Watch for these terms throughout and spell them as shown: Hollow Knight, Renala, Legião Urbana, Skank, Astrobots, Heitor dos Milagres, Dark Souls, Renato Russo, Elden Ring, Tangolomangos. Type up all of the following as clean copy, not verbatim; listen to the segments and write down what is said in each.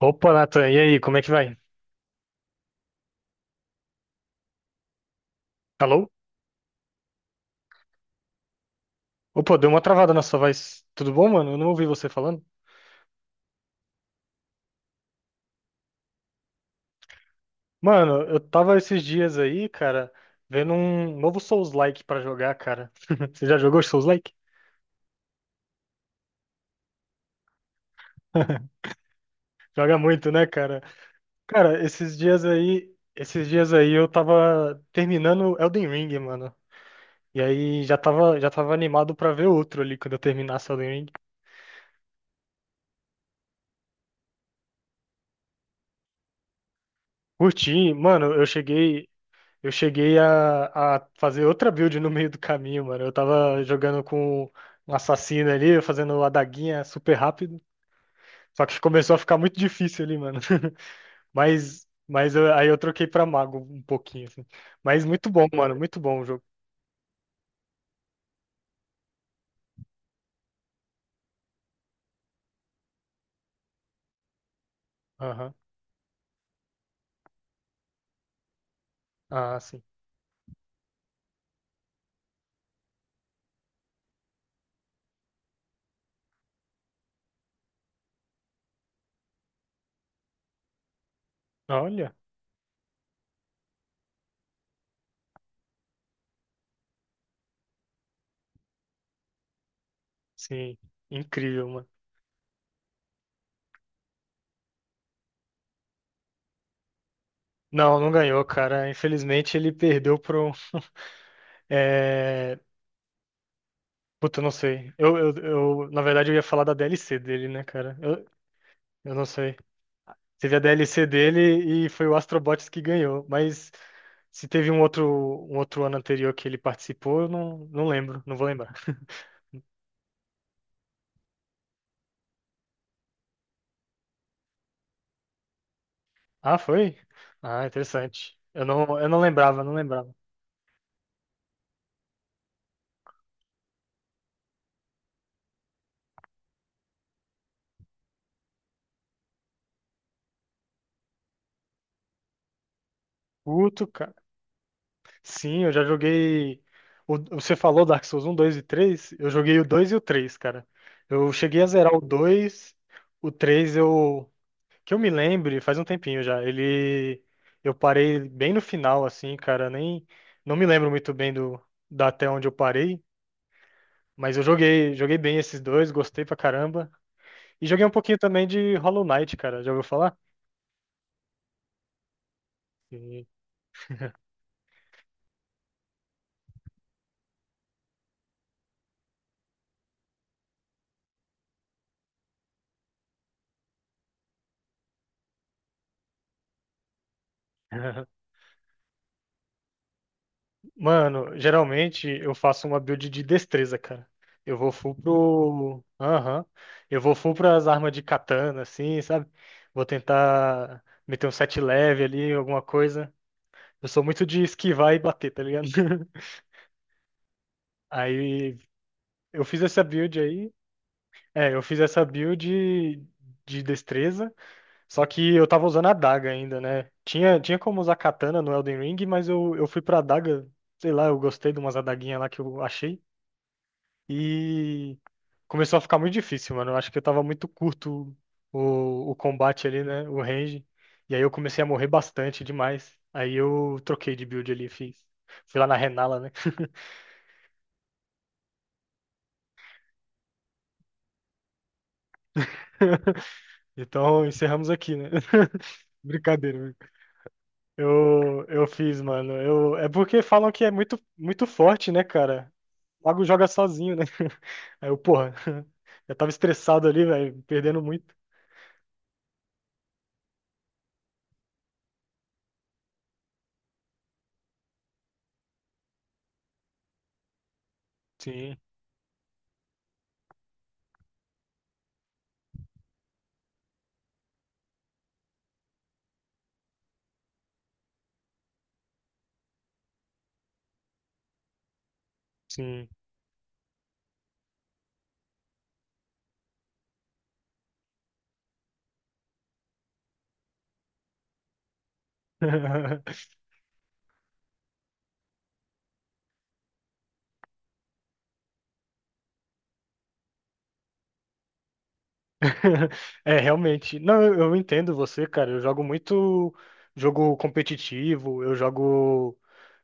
Opa, Nathan, e aí, como é que vai? Alô? Opa, deu uma travada na sua voz. Tudo bom, mano? Eu não ouvi você falando. Mano, eu tava esses dias aí, cara, vendo um novo Souls-like pra jogar, cara. Você já jogou Souls-like? Joga muito, né, cara? Cara, esses dias aí eu tava terminando Elden Ring, mano. E aí já tava animado pra ver outro ali quando eu terminasse Elden Ring. Curti, mano, eu cheguei. Eu cheguei a fazer outra build no meio do caminho, mano. Eu tava jogando com um assassino ali, fazendo a daguinha super rápido. Só que começou a ficar muito difícil ali, mano. Aí eu troquei pra mago um pouquinho, assim. Mas muito bom, mano. Muito bom o jogo. Aham. Ah, sim. Olha, sim. Incrível, mano. Não, não ganhou, cara. Infelizmente ele perdeu pro. É... Puta, eu não sei. Na verdade, eu ia falar da DLC dele, né, cara? Eu não sei. Teve a DLC dele e foi o Astrobots que ganhou. Mas se teve um outro ano anterior que ele participou, eu não, não lembro, não vou lembrar. Ah, foi? Ah, interessante. Eu não lembrava, não lembrava. Puto, cara. Sim, eu já joguei. Você falou Dark Souls um, 2 e três. Eu joguei o 2 e o três, cara. Eu cheguei a zerar o dois. O 3 eu, que eu me lembre, faz um tempinho já. Ele, eu parei bem no final assim, cara. Nem, não me lembro muito bem do da até onde eu parei, mas eu joguei, joguei bem esses dois, gostei pra caramba. E joguei um pouquinho também de Hollow Knight, cara. Já ouviu falar? E- Mano, geralmente eu faço uma build de destreza, cara. Eu vou full pro. Aham. Eu vou full pras armas de katana, assim, sabe? Vou tentar meter um set leve ali, alguma coisa. Eu sou muito de esquivar e bater, tá ligado? Aí eu fiz essa build aí. É, eu fiz essa build de destreza, só que eu tava usando a daga ainda, né? Tinha como usar katana no Elden Ring, mas eu fui pra adaga, sei lá, eu gostei de umas adaguinhas lá que eu achei. E começou a ficar muito difícil, mano. Eu acho que eu tava muito curto o combate ali, né? O range. E aí eu comecei a morrer bastante demais. Aí eu troquei de build ali, fiz. Fui lá na Renala, né? Então encerramos aqui, né? Brincadeira. Eu fiz, mano. Eu, é porque falam que é muito forte, né, cara? O Mago joga sozinho, né? Aí eu, porra, eu tava estressado ali, velho, perdendo muito. Sim, sim. É, realmente. Não, eu entendo você, cara. Eu jogo muito jogo competitivo, eu jogo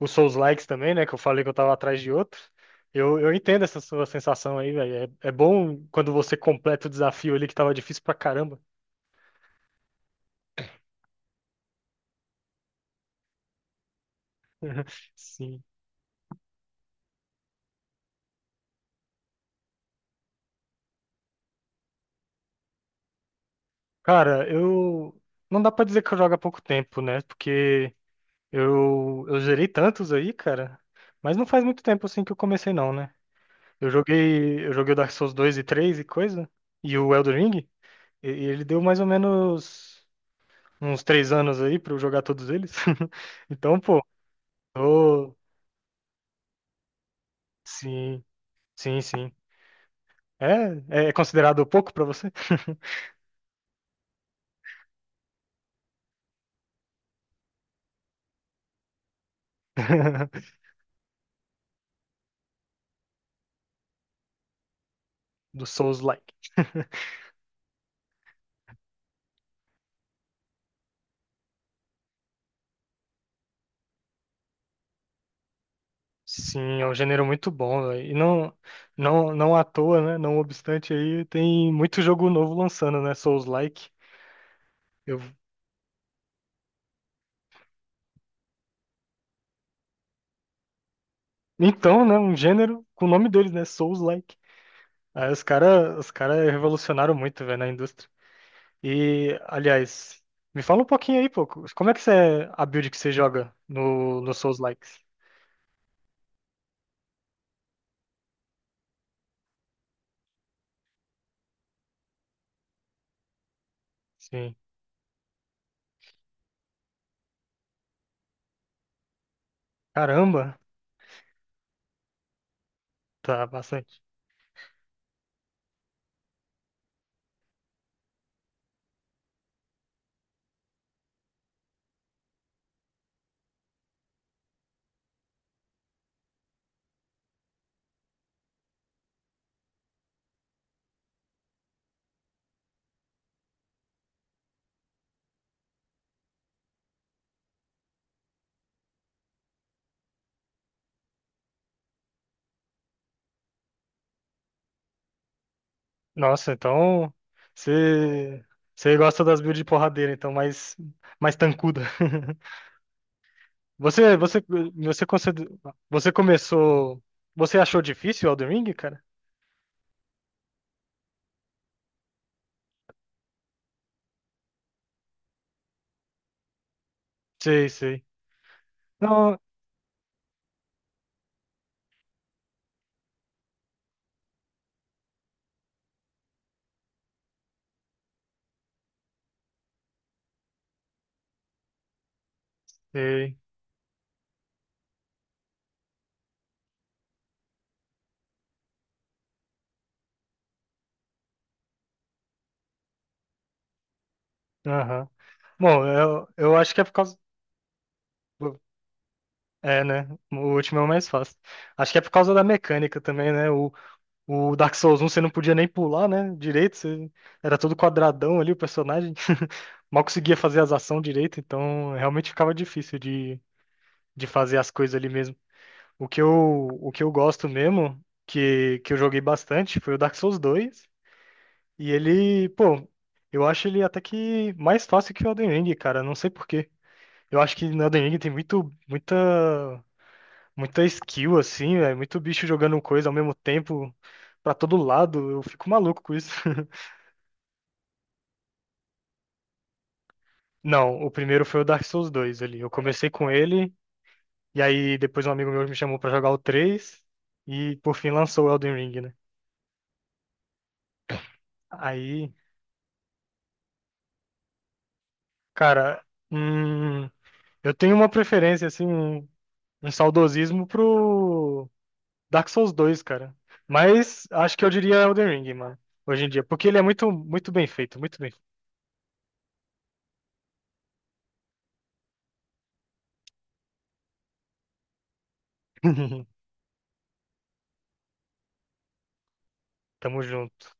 os Souls-likes também, né? Que eu falei que eu tava atrás de outro. Eu entendo essa sua sensação aí, velho. É, é bom quando você completa o desafio ali que tava difícil pra caramba. Sim. Cara, eu. Não dá pra dizer que eu jogo há pouco tempo, né? Porque eu zerei tantos aí, cara. Mas não faz muito tempo assim que eu comecei, não, né? Eu joguei o Dark Souls 2 e 3 e coisa. E o Elden Ring. E ele deu mais ou menos uns três anos aí pra eu jogar todos eles. Então, pô, tô- sim, sim, sim. É, é é considerado pouco pra você? Do Souls-like. Sim, é um gênero muito bom, velho. E não à toa, né? Não obstante aí, tem muito jogo novo lançando, né? Souls-like. Eu... Então, né? Um gênero com o nome deles, né? Souls-like. Aí os cara revolucionaram muito, velho, na indústria. E, aliás, me fala um pouquinho aí, pô. Como é que você, é a build que você joga no, no Souls-likes? Sim. Caramba, tá bastante. Nossa, então você, você gosta das builds de porradeira, então mais, mais tancuda. Você, você, você, consider- você começou. Você achou difícil o Elden Ring, cara? Sei, sei. Não, sei. Aham. Bom, eu acho que é por causa. É, né? O último é o mais fácil. Acho que é por causa da mecânica também, né? O Dark Souls um você não podia nem pular, né? Direito, você... era todo quadradão ali o personagem. Mal conseguia fazer as ações direito, então realmente ficava difícil de fazer as coisas ali mesmo. O que eu gosto mesmo, que eu joguei bastante, foi o Dark Souls dois. E ele, pô, eu acho ele até que mais fácil que o Elden Ring, cara. Não sei por quê. Eu acho que no Elden Ring tem muita muita skill assim, é muito bicho jogando coisa ao mesmo tempo pra todo lado. Eu fico maluco com isso. Não, o primeiro foi o Dark Souls 2 ali. Eu comecei com ele e aí depois um amigo meu me chamou pra jogar o 3 e por fim lançou o Elden Ring, né? Aí, cara, hum, eu tenho uma preferência assim, um saudosismo pro Dark Souls dois, cara. Mas acho que eu diria Elden Ring, mano, hoje em dia, porque ele é muito muito bem feito, muito bem feito. Tamo junto.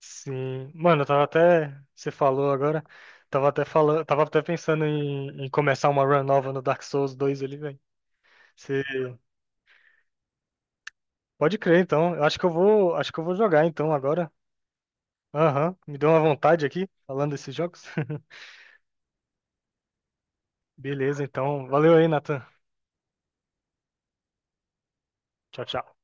Sim, mano, eu tava até, você falou agora, tava até falando, tava até pensando em, em começar uma run nova no Dark Souls 2 ali, velho. Você pode crer, então. Eu acho que eu vou, acho que eu vou jogar então agora. Aham, me deu uma vontade aqui falando desses jogos. Beleza, então. Valeu aí, Nathan. Tchau, tchau.